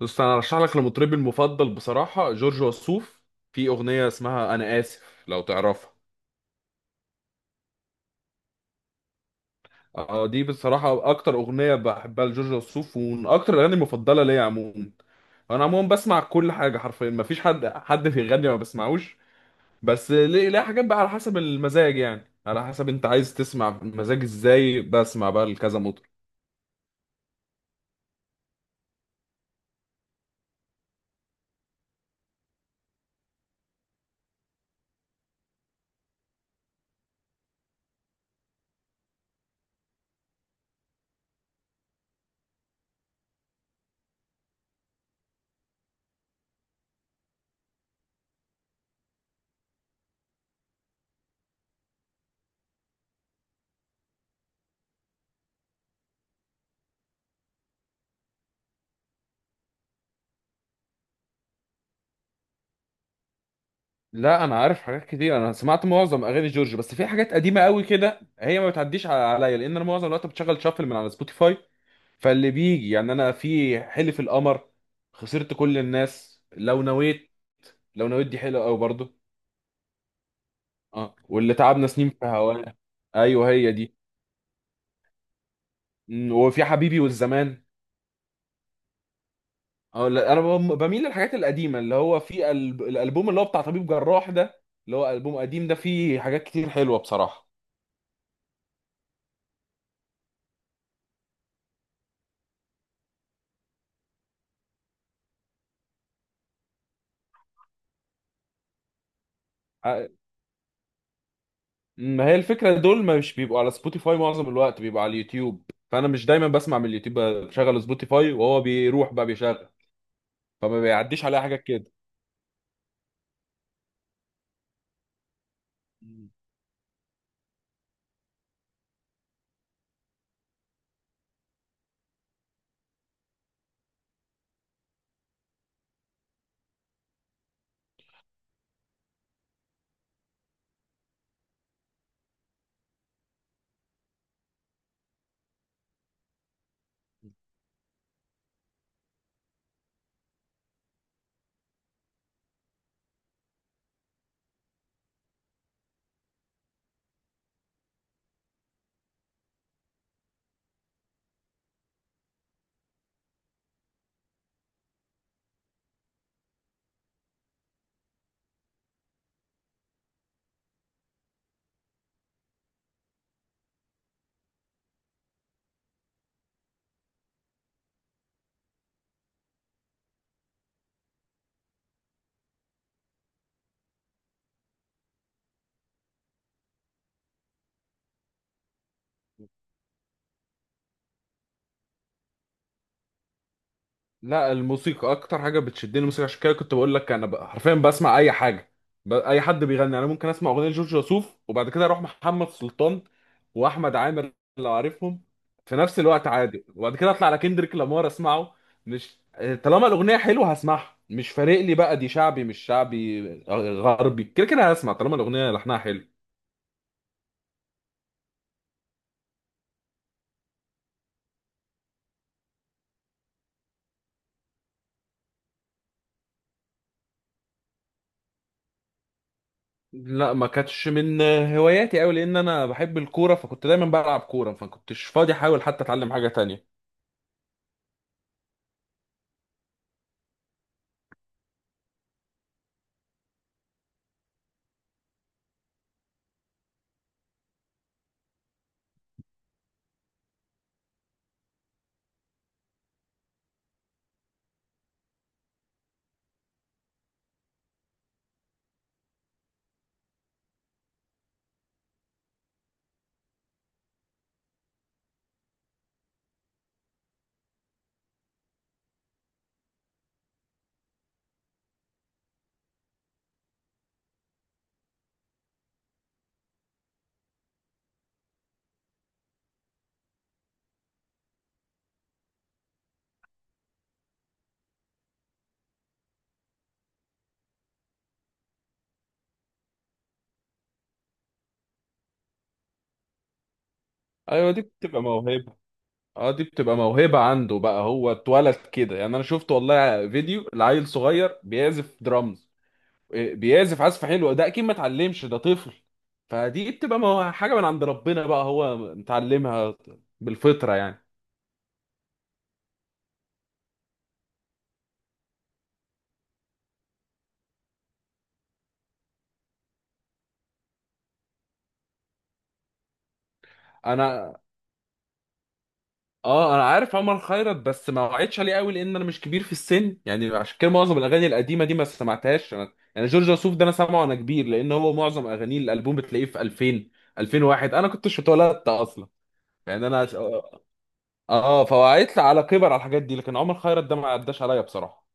بص، انا ارشح لك لمطربي المفضل بصراحه جورج وسوف. في اغنيه اسمها انا اسف، لو تعرفها. اه، دي بصراحه اكتر اغنيه بحبها لجورج وسوف، ومن اكتر الاغاني المفضله ليا عموما. انا عموما بسمع كل حاجه حرفيا، مفيش حد بيغني ما بسمعوش. بس ليه حاجات بقى على حسب المزاج، يعني على حسب انت عايز تسمع مزاج ازاي بسمع بقى لكذا مطرب. لا، انا عارف حاجات كتير، انا سمعت معظم اغاني جورج، بس في حاجات قديمه قوي كده هي ما بتعديش عليا، لان انا معظم الوقت بتشغل شافل من على سبوتيفاي. فاللي بيجي يعني، انا في حلف القمر، خسرت كل الناس، لو نويت. لو نويت دي حلوه قوي برضو. اه، واللي تعبنا سنين في هواه. ايوه هي دي. وفي حبيبي والزمان. اه لا، بميل للحاجات القديمه، اللي هو في الالبوم اللي هو بتاع طبيب جراح ده، اللي هو البوم قديم، ده فيه حاجات كتير حلوه بصراحه. ع- ما هي الفكره، دول مش بيبقوا على سبوتيفاي، معظم الوقت بيبقوا على اليوتيوب. فانا مش دايما بسمع من اليوتيوب، بشغل سبوتيفاي وهو بيروح بقى بيشغل، فما بيعديش عليها حاجات كده. لا، الموسيقى اكتر حاجه بتشدني الموسيقى، عشان كده كنت بقول لك انا حرفيا بسمع اي حاجه. اي حد بيغني، يعني انا ممكن اسمع اغنيه جورج وسوف وبعد كده اروح محمد سلطان واحمد عامر لو عارفهم، في نفس الوقت عادي، وبعد كده اطلع على كندريك لامار اسمعه. مش، طالما الاغنيه حلوه هسمعها، مش فارق لي بقى دي شعبي مش شعبي غربي، كده كده هسمع طالما الاغنيه لحنها حلو. لا، ما كانتش من هواياتي قوي، لان انا بحب الكوره فكنت دايما بلعب كوره، فما كنتش فاضي احاول حتى اتعلم حاجه تانية. ايوه، دي بتبقى موهبه. اه، دي بتبقى موهبه عنده بقى، هو اتولد كده، يعني انا شفت والله فيديو لعيل صغير بيعزف درامز. إيه، بيعزف عزف حلو، ده اكيد ما اتعلمش، ده طفل. فدي بتبقى حاجه من عند ربنا بقى، هو متعلمها بالفطره يعني. انا اه، انا عارف عمر خيرت، بس ما وعدتش عليه قوي، لان انا مش كبير في السن يعني، عشان كده معظم الاغاني القديمه دي ما سمعتهاش انا، يعني جورج وسوف ده انا سامعه وانا كبير، لان هو معظم اغانيه الالبوم بتلاقيه في 2000، 2001 انا كنتش اتولدت اصلا. يعني انا س- اه آه، فهو هيطلع على كبر على الحاجات دي، لكن عمر خيرت ده ما عداش عليا بصراحه.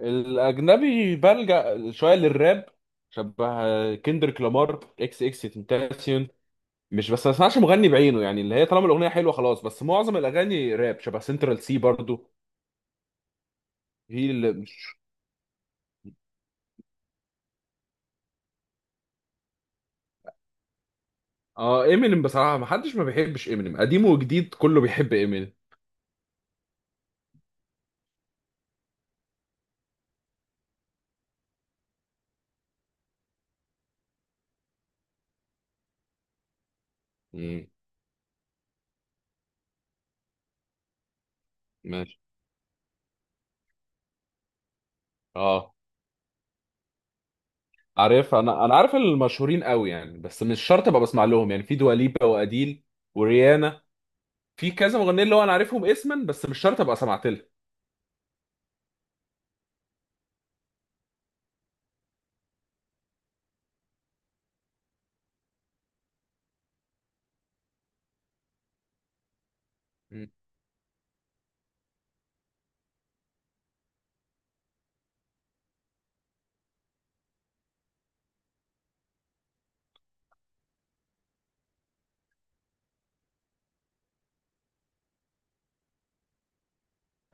الاجنبي بلجأ شويه للراب، شبه كندريك لامار، اكس اكس تنتاسيون. مش بس، ما اسمعش مغني بعينه يعني، اللي هي طالما الاغنيه حلوه خلاص، بس معظم الاغاني راب شبه سنترال سي برضو. هي اللي مش، اه امينيم بصراحه، ما حدش ما بيحبش امينيم، قديم وجديد كله بيحب امينيم. مم، ماشي. اه عارف، انا عارف المشهورين قوي يعني، بس مش شرط ابقى بسمع لهم، يعني في دواليبا واديل وريانا. في كذا مغنيين اللي هو انا عارفهم اسما، بس مش شرط ابقى سمعت لهم. مم.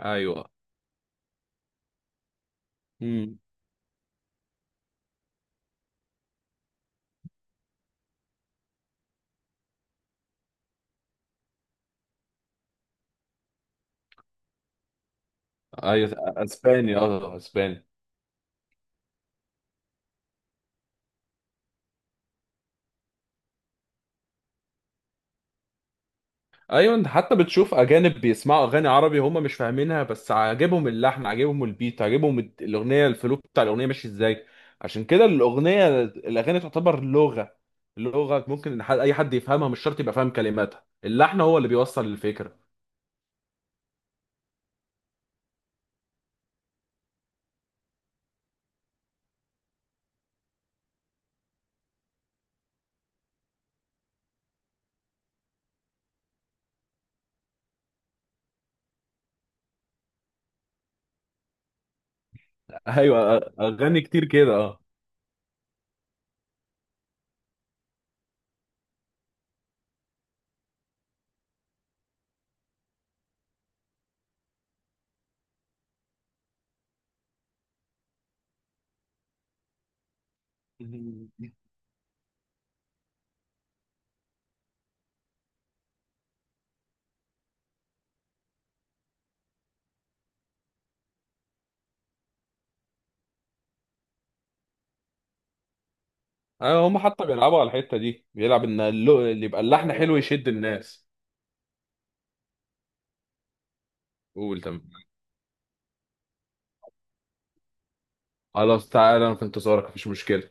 ايوه. امم. ايوه اسباني، اه اسباني. ايوه، انت حتى بتشوف اجانب بيسمعوا اغاني عربي هم مش فاهمينها، بس عاجبهم اللحن، عاجبهم البيت، عاجبهم الاغنيه، الفلو بتاع الاغنيه ماشي ازاي. عشان كده الاغنيه، الاغاني تعتبر لغه، لغه ممكن إن اي حد يفهمها، مش شرط يبقى فاهم كلماتها، اللحن هو اللي بيوصل الفكره. ايوه اغاني كتير كده، اه. ايوه، هم حتى بيلعبوا على الحته دي، بيلعب ان اللي يبقى اللحن حلو يشد الناس. قول تمام. خلاص، تعالى انا في انتظارك، مفيش مشكله.